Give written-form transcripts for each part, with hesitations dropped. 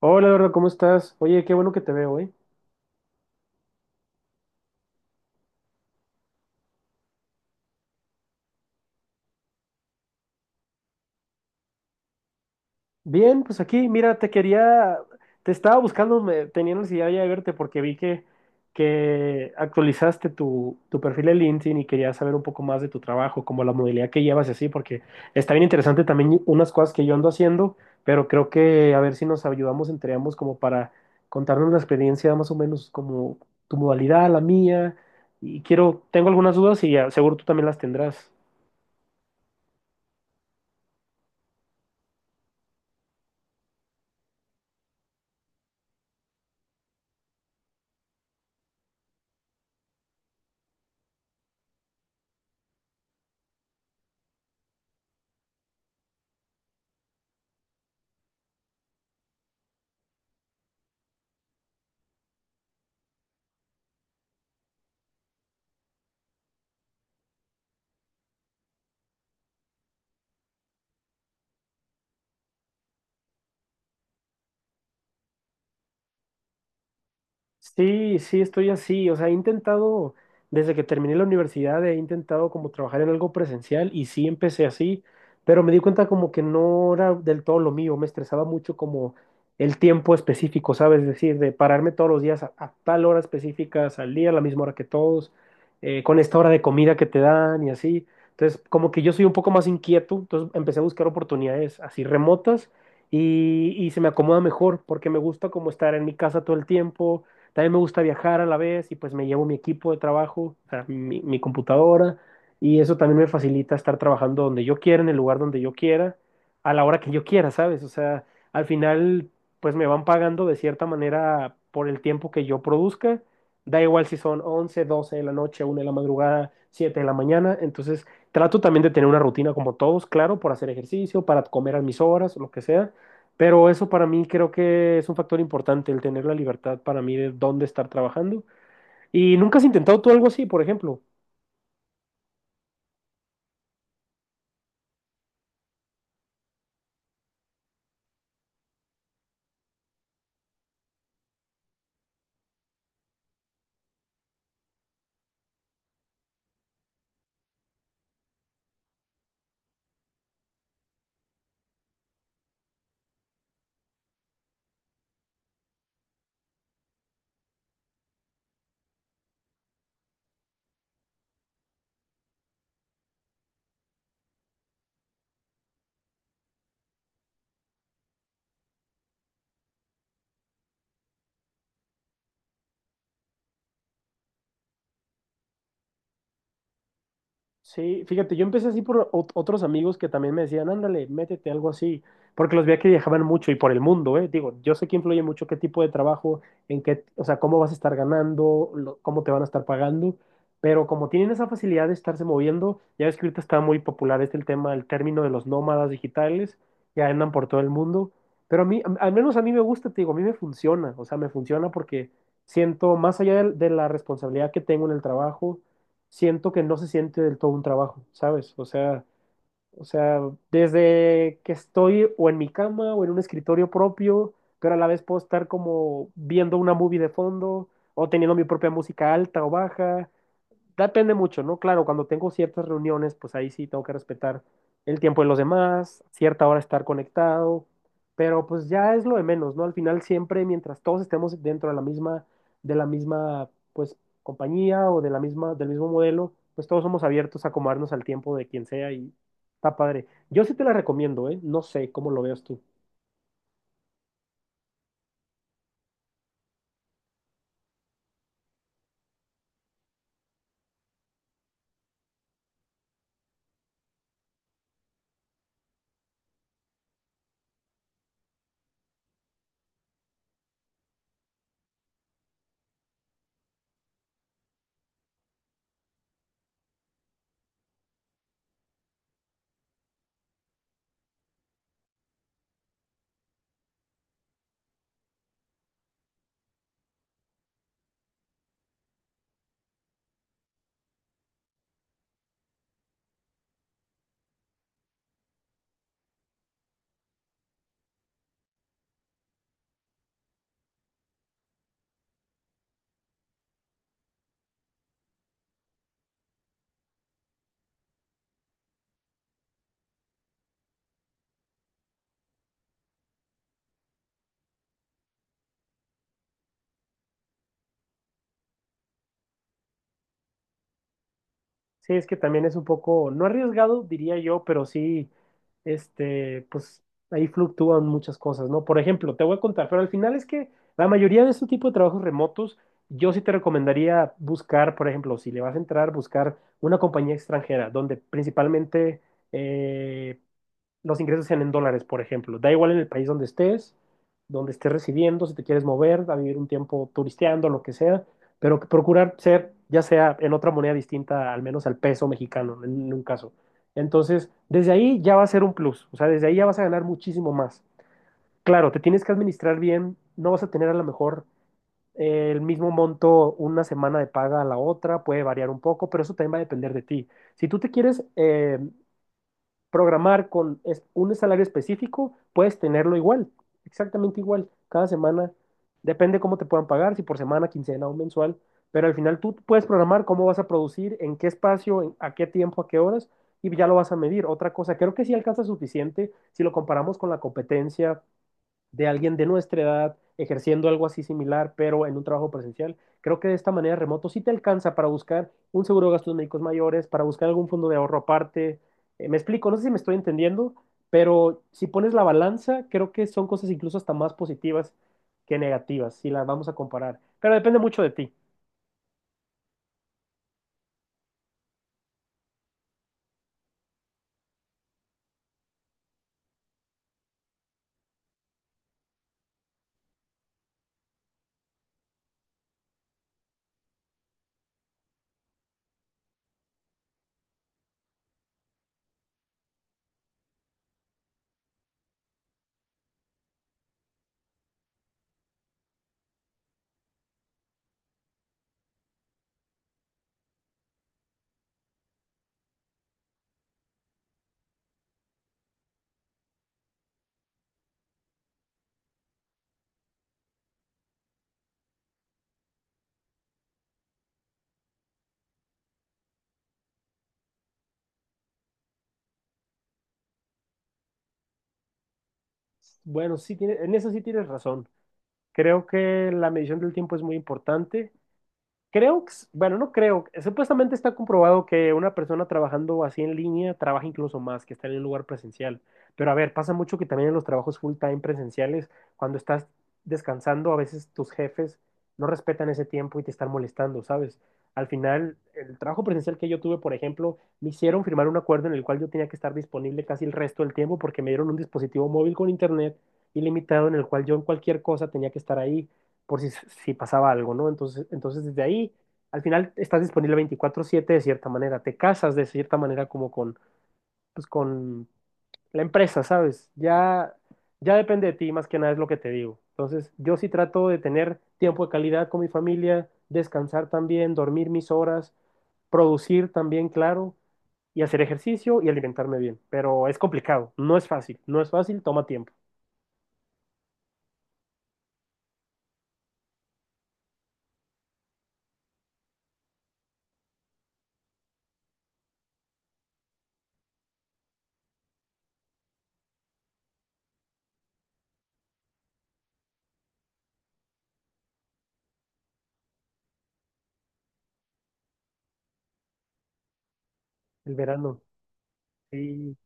Hola, Eduardo, ¿cómo estás? Oye, qué bueno que te veo, ¿eh? Bien, pues aquí, mira, te estaba buscando, tenía necesidad ya de verte porque vi que actualizaste tu perfil de LinkedIn y quería saber un poco más de tu trabajo, como la modalidad que llevas y así, porque está bien interesante también unas cosas que yo ando haciendo, pero creo que a ver si nos ayudamos entre ambos como para contarnos la experiencia más o menos como tu modalidad, la mía, tengo algunas dudas y ah, seguro tú también las tendrás. Sí, sí, estoy así. O sea, he intentado, desde que terminé la universidad, he intentado como trabajar en algo presencial y sí empecé así, pero me di cuenta como que no era del todo lo mío. Me estresaba mucho como el tiempo específico, ¿sabes? Es decir, de pararme todos los días a tal hora específica, salir a la misma hora que todos, con esta hora de comida que te dan y así. Entonces, como que yo soy un poco más inquieto, entonces empecé a buscar oportunidades así remotas y se me acomoda mejor porque me gusta como estar en mi casa todo el tiempo también me gusta viajar a la vez y pues me llevo mi equipo de trabajo, o sea, mi computadora, y eso también me facilita estar trabajando donde yo quiera, en el lugar donde yo quiera, a la hora que yo quiera, ¿sabes? O sea, al final pues me van pagando de cierta manera por el tiempo que yo produzca. Da igual si son 11, 12 de la noche, 1 de la madrugada, 7 de la mañana. Entonces, trato también de tener una rutina como todos, claro, por hacer ejercicio, para comer a mis horas, lo que sea, pero eso para mí creo que es un factor importante, el tener la libertad para mí de dónde estar trabajando. ¿Y nunca has intentado tú algo así, por ejemplo? Sí, fíjate, yo empecé así por otros amigos que también me decían, ándale, métete algo así, porque los veía que viajaban mucho y por el mundo, ¿eh? Digo, yo sé que influye mucho qué tipo de trabajo, en qué, o sea, cómo vas a estar ganando, cómo te van a estar pagando, pero como tienen esa facilidad de estarse moviendo, ya ves que ahorita está muy popular este el tema, el término de los nómadas digitales, ya andan por todo el mundo, pero a mí, al menos a mí me gusta, te digo, a mí me funciona, o sea, me funciona porque siento más allá de la responsabilidad que tengo en el trabajo siento que no se siente del todo un trabajo, ¿sabes? O sea, desde que estoy o en mi cama o en un escritorio propio, pero a la vez puedo estar como viendo una movie de fondo o teniendo mi propia música alta o baja depende mucho, ¿no? Claro, cuando tengo ciertas reuniones, pues ahí sí tengo que respetar el tiempo de los demás, cierta hora estar conectado, pero pues ya es lo de menos, ¿no? Al final siempre, mientras todos estemos dentro de la misma, pues, compañía o de la misma, del mismo modelo, pues todos somos abiertos a acomodarnos al tiempo de quien sea y está padre. Yo sí te la recomiendo, ¿eh? No sé cómo lo veas tú. Sí, es que también es un poco, no arriesgado, diría yo, pero sí, este, pues ahí fluctúan muchas cosas, ¿no? Por ejemplo, te voy a contar, pero al final es que la mayoría de este tipo de trabajos remotos, yo sí te recomendaría buscar, por ejemplo, si le vas a entrar, buscar una compañía extranjera, donde principalmente, eh, los ingresos sean en dólares, por ejemplo. Da igual en el país donde estés residiendo, si te quieres mover, a vivir un tiempo turisteando, lo que sea, pero que procurar ser, ya sea en otra moneda distinta, al menos al peso mexicano, en un caso. Entonces, desde ahí ya va a ser un plus, o sea, desde ahí ya vas a ganar muchísimo más. Claro, te tienes que administrar bien, no vas a tener a lo mejor el mismo monto una semana de paga a la otra, puede variar un poco, pero eso también va a depender de ti. Si tú te quieres programar con un salario específico, puedes tenerlo igual, exactamente igual, cada semana, depende cómo te puedan pagar, si por semana, quincena o mensual, pero al final tú puedes programar cómo vas a producir, en qué espacio, a qué tiempo, a qué horas, y ya lo vas a medir. Otra cosa, creo que sí alcanza suficiente si lo comparamos con la competencia de alguien de nuestra edad ejerciendo algo así similar, pero en un trabajo presencial. Creo que de esta manera remoto sí te alcanza para buscar un seguro de gastos médicos mayores, para buscar algún fondo de ahorro aparte. Me explico, no sé si me estoy entendiendo, pero si pones la balanza, creo que son cosas incluso hasta más positivas que negativas, si las vamos a comparar. Pero depende mucho de ti. Bueno, en eso sí tienes razón. Creo que la medición del tiempo es muy importante. Creo, bueno, no creo, supuestamente está comprobado que una persona trabajando así en línea trabaja incluso más que estar en un lugar presencial. Pero a ver, pasa mucho que también en los trabajos full time presenciales, cuando estás descansando, a veces tus jefes no respetan ese tiempo y te están molestando, ¿sabes? Al final, el trabajo presencial que yo tuve, por ejemplo, me hicieron firmar un acuerdo en el cual yo tenía que estar disponible casi el resto del tiempo porque me dieron un dispositivo móvil con internet ilimitado en el cual yo en cualquier cosa tenía que estar ahí por si pasaba algo, ¿no? Entonces desde ahí, al final estás disponible 24/7 de cierta manera, te casas de cierta manera como con, pues, con la empresa, ¿sabes? Ya, ya depende de ti, más que nada es lo que te digo. Entonces, yo sí trato de tener tiempo de calidad con mi familia, descansar también, dormir mis horas, producir también, claro, y hacer ejercicio y alimentarme bien. Pero es complicado, no es fácil, no es fácil, toma tiempo. El verano. Sí,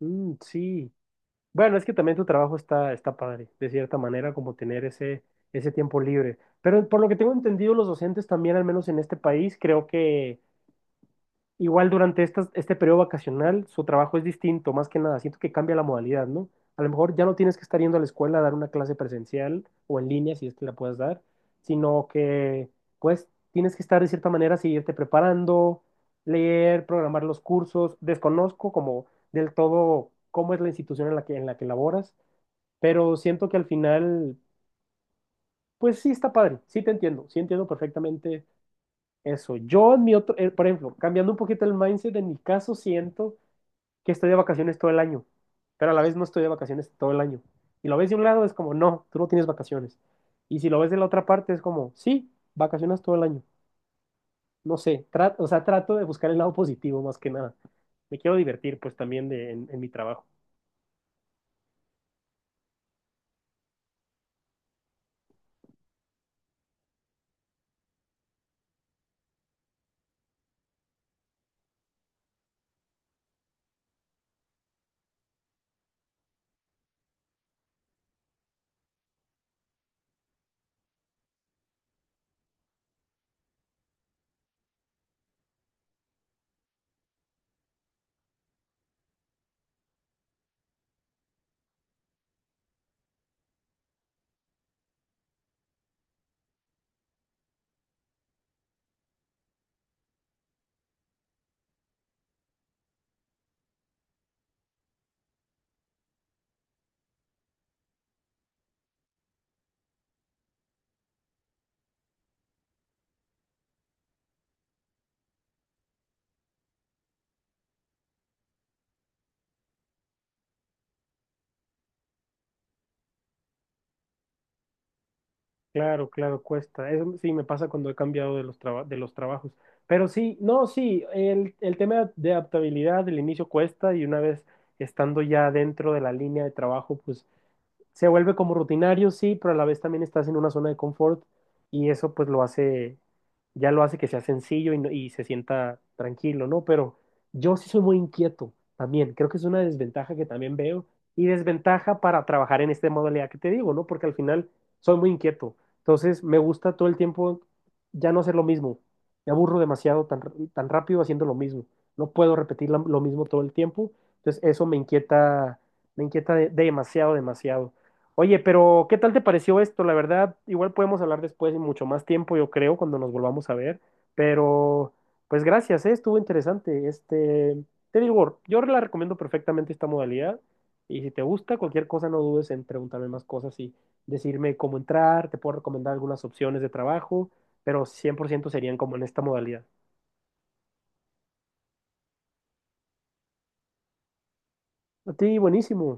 mm, sí. Bueno, es que también tu trabajo está padre, de cierta manera, como tener ese tiempo libre. Pero por lo que tengo entendido, los docentes también, al menos en este país, creo que igual durante este periodo vacacional, su trabajo es distinto, más que nada. Siento que cambia la modalidad, ¿no? A lo mejor ya no tienes que estar yendo a la escuela a dar una clase presencial o en línea, si es que la puedas dar, sino que, pues, tienes que estar de cierta manera, seguirte preparando, leer, programar los cursos. Desconozco como del todo cómo es la institución en la que laboras pero siento que al final, pues sí está padre, sí te entiendo, sí entiendo perfectamente eso. Yo en mi otro, por ejemplo, cambiando un poquito el mindset, en mi caso siento que estoy de vacaciones todo el año, pero a la vez no estoy de vacaciones todo el año. Y lo ves de un lado es como, no, tú no tienes vacaciones. Y si lo ves de la otra parte es como, sí, vacaciones todo el año. No sé, o sea, trato de buscar el lado positivo más que nada. Me quiero divertir pues también en mi trabajo. Claro, claro, cuesta. Eso sí me pasa cuando he cambiado de los trabajos. Pero sí, no, sí, el tema de adaptabilidad del inicio cuesta y una vez estando ya dentro de la línea de trabajo, pues se vuelve como rutinario, sí, pero a la vez también estás en una zona de confort y eso pues lo hace, ya lo hace que sea sencillo y, y se sienta tranquilo, ¿no? Pero yo sí soy muy inquieto también, creo que es una desventaja que también veo y desventaja para trabajar en esta modalidad que te digo, ¿no? Porque al final soy muy inquieto, entonces me gusta todo el tiempo ya no hacer lo mismo, me aburro demasiado tan, tan rápido haciendo lo mismo, no puedo repetir lo mismo todo el tiempo, entonces eso me inquieta demasiado, demasiado. Oye, pero ¿qué tal te pareció esto? La verdad, igual podemos hablar después y mucho más tiempo, yo creo, cuando nos volvamos a ver. Pero, pues gracias, ¿eh? Estuvo interesante. Este, te digo, yo la recomiendo perfectamente esta modalidad. Y si te gusta cualquier cosa, no dudes en preguntarme más cosas y decirme cómo entrar. Te puedo recomendar algunas opciones de trabajo, pero 100% serían como en esta modalidad. A ti, buenísimo.